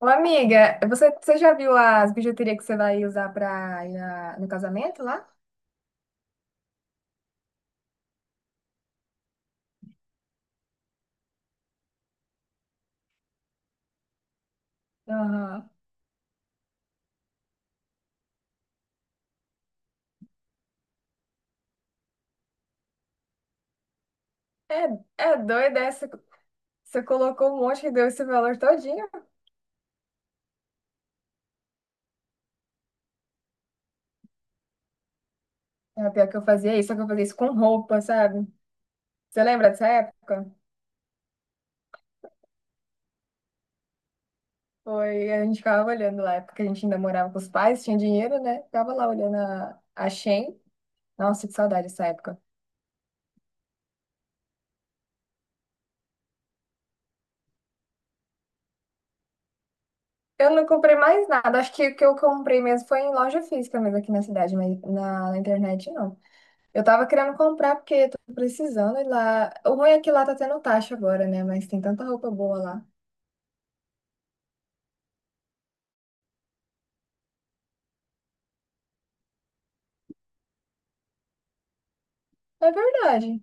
Ô, amiga, você já viu as bijuterias que você vai usar pra ir no casamento lá? Aham. É, é doida essa. Você colocou um monte e deu esse valor todinho. É, pior que eu fazia isso, só que eu fazia isso com roupa, sabe? Você lembra dessa época? Foi, a gente ficava olhando lá, porque a gente ainda morava com os pais, tinha dinheiro, né? Ficava lá olhando a Shein. Nossa, que saudade dessa época. Eu não comprei mais nada, acho que o que eu comprei mesmo foi em loja física mesmo aqui na cidade, mas na internet não. Eu tava querendo comprar porque eu tô precisando ir lá. O ruim é que lá tá tendo taxa agora, né? Mas tem tanta roupa boa lá. É verdade.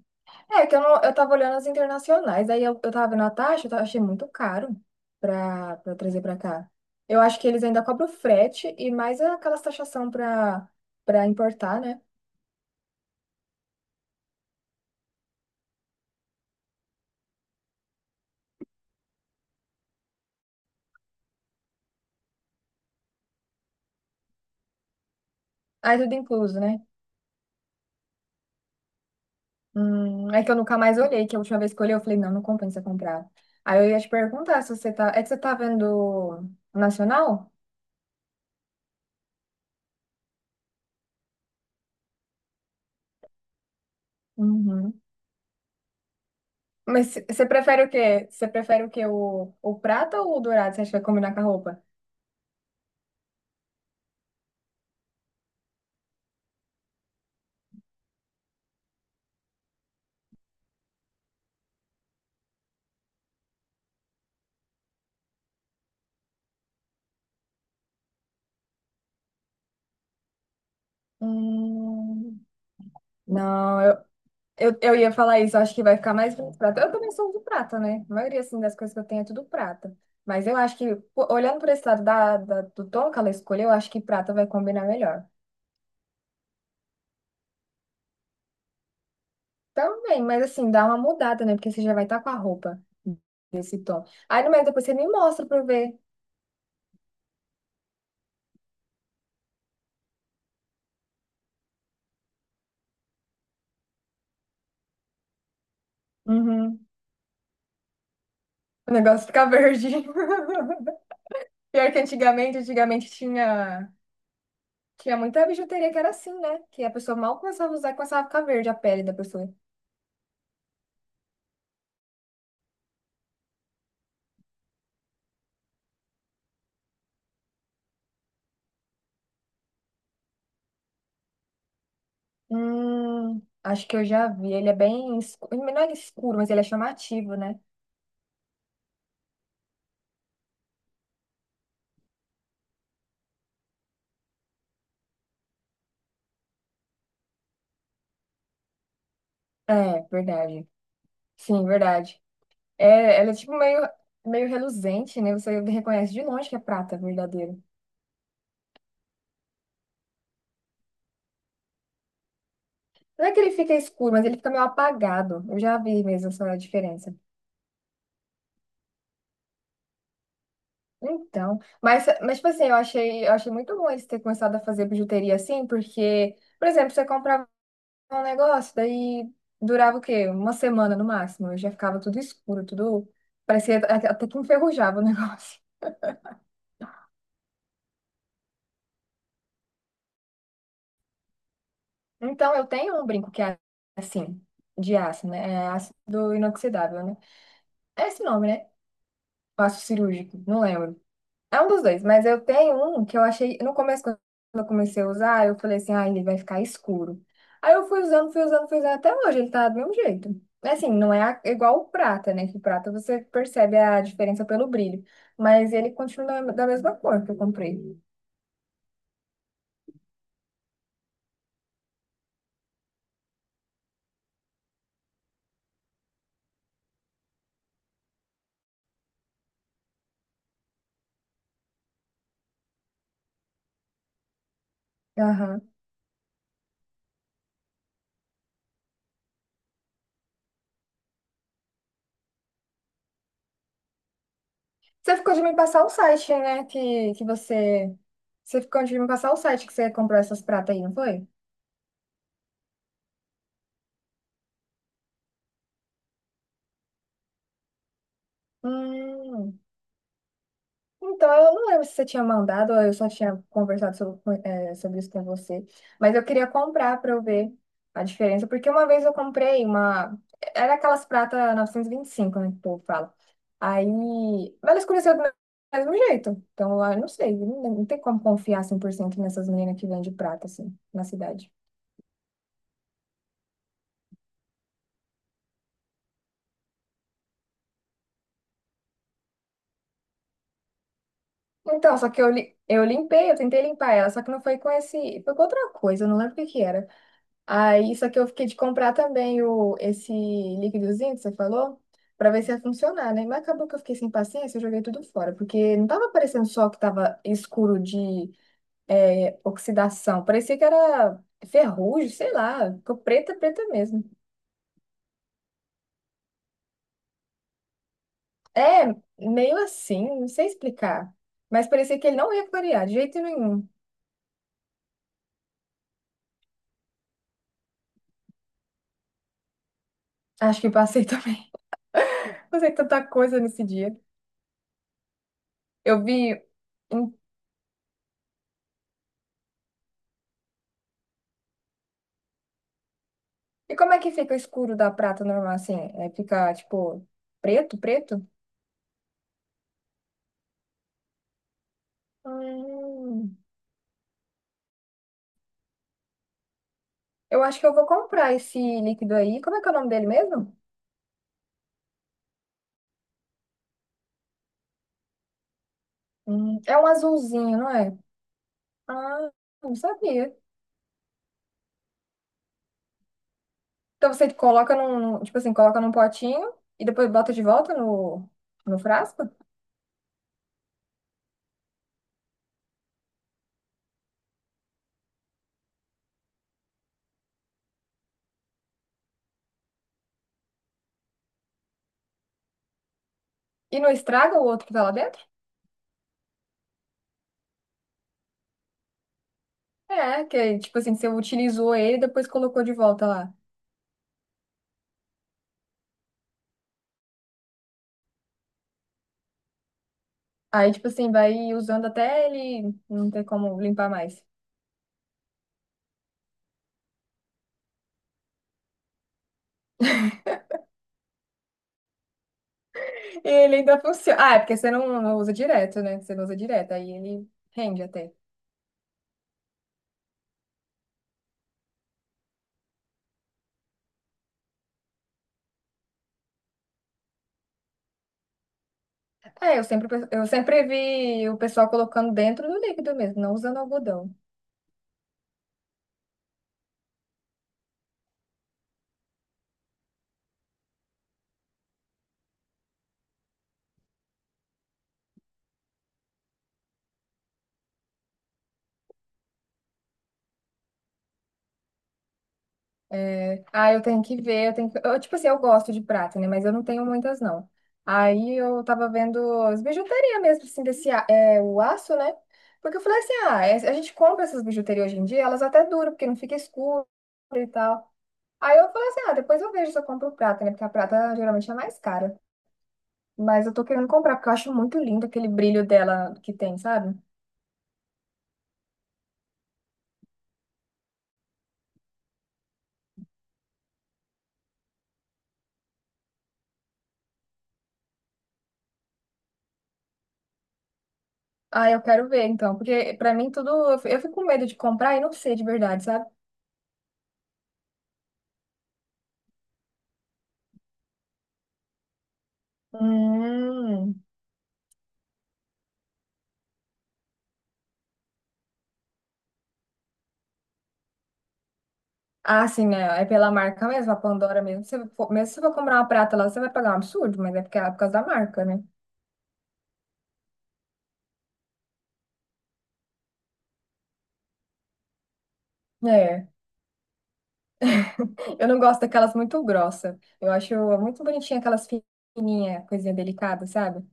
É que eu, não, eu tava olhando as internacionais, aí eu tava vendo a taxa, achei muito caro pra trazer pra cá. Eu acho que eles ainda cobram frete e mais aquelas taxação pra importar, né? Aí tudo incluso, né? É que eu nunca mais olhei, que a última vez que eu olhei, eu falei, não, não compensa comprar. Aí eu ia te perguntar se você tá. É que você tá vendo nacional? Uhum. Mas você prefere o quê? Você prefere o quê? O prata ou o dourado? Você acha que vai combinar com a roupa? Hum, não, eu ia falar isso. Eu acho que vai ficar mais bonito prata. Eu também sou do prata, né? A maioria, assim, das coisas que eu tenho é tudo prata. Mas eu acho que, pô, olhando por esse lado do tom que ela escolheu, eu acho que prata vai combinar melhor. Também, mas assim, dá uma mudada, né? Porque você já vai estar com a roupa desse tom. Aí, no meio, depois você me mostra pra eu ver. Uhum. O negócio fica verde. Pior que antigamente tinha, tinha muita bijuteria que era assim, né? Que a pessoa mal começava a usar, começava a ficar verde a pele da pessoa. Acho que eu já vi. Ele é bem escuro, não é escuro, mas ele é chamativo, né? É, verdade. Sim, verdade. É, ela é tipo meio, meio reluzente, né? Você reconhece de longe que é prata verdadeiro. Não é que ele fica escuro, mas ele fica meio apagado. Eu já vi mesmo essa diferença. Então, mas tipo assim, eu achei muito bom eles terem começado a fazer bijuteria assim, porque, por exemplo, você comprava um negócio, daí durava o quê? Uma semana no máximo, já ficava tudo escuro, tudo parecia até que enferrujava o negócio. Então, eu tenho um brinco que é assim, de aço, né? É ácido inoxidável, né? É esse nome, né? Aço cirúrgico, não lembro. É um dos dois, mas eu tenho um que eu achei. No começo, quando eu comecei a usar, eu falei assim, ah, ele vai ficar escuro. Aí eu fui usando, até hoje ele tá do mesmo jeito. Assim, não é igual o prata, né? Que o prata você percebe a diferença pelo brilho. Mas ele continua da mesma cor que eu comprei. Aham. Você ficou de me passar o site, né? Que você. Você ficou de me passar o site que você comprou essas pratas aí, não foi? Hum. Então, eu não lembro se você tinha mandado ou eu só tinha conversado sobre, sobre isso com você. Mas eu queria comprar para eu ver a diferença. Porque uma vez eu comprei uma. Era aquelas pratas 925, né? Que o povo fala. Aí. Mas ela escureceu do mesmo jeito. Então, eu não sei. Não, não tem como confiar 100% nessas meninas que vendem prata, assim, na cidade. Então, só que eu, eu limpei, eu tentei limpar ela, só que não foi com esse, foi com outra coisa, eu não lembro o que que era. Aí, só que eu fiquei de comprar também o, esse líquidozinho que você falou, pra ver se ia funcionar, né? Mas acabou que eu fiquei sem paciência, eu joguei tudo fora, porque não tava parecendo só que tava escuro de é, oxidação, parecia que era ferrugem, sei lá, ficou preta mesmo. É, meio assim, não sei explicar, mas parecia que ele não ia clarear de jeito nenhum. Acho que passei também. Fazer tanta coisa nesse dia. Eu vi um- e como é que fica o escuro da prata normal assim? É, fica tipo preto? Hum, eu acho que eu vou comprar esse líquido aí. Como é que é o nome dele mesmo? É um azulzinho, não é? Ah, não sabia. Então você coloca num, tipo assim, coloca num potinho e depois bota de volta no frasco? E não estraga o outro que tá lá dentro? É, que tipo assim, você utilizou ele e depois colocou de volta lá. Aí, tipo assim, vai usando até ele não ter como limpar mais. E ele ainda funciona. Ah, é porque você não, não usa direto, né? Você não usa direto, aí ele rende até. É, eu sempre vi o pessoal colocando dentro do líquido mesmo, não usando algodão. Né? Ah, eu tenho que ver, eu tenho que... Eu, tipo assim, eu gosto de prata, né? Mas eu não tenho muitas, não. Aí eu tava vendo as bijuterias mesmo, assim, o aço, né? Porque eu falei assim, ah, a gente compra essas bijuterias hoje em dia, elas até duram, porque não fica escuro e tal. Aí eu falei assim, ah, depois eu vejo se eu compro prata, né? Porque a prata geralmente é mais cara. Mas eu tô querendo comprar, porque eu acho muito lindo aquele brilho dela que tem, sabe? Ah, eu quero ver, então. Porque pra mim tudo... Eu fico com medo de comprar e não sei de verdade, sabe? Hum... Ah, sim, né? É pela marca mesmo, a Pandora mesmo. Se for, mesmo se você for comprar uma prata lá, você vai pagar um absurdo, mas é porque é por causa da marca, né? É. Eu não gosto daquelas muito grossas. Eu acho muito bonitinha aquelas fininhas, coisinha delicada, sabe?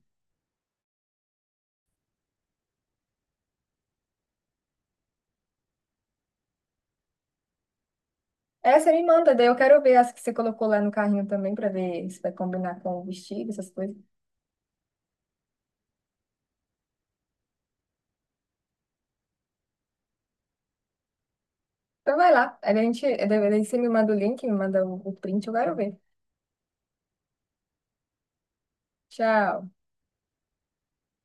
Essa me manda, daí eu quero ver as que você colocou lá no carrinho também, pra ver se vai combinar com o vestido, essas coisas. Então vai lá, aí a gente, daí você me manda o link, me manda o print, eu quero ver. Tchau.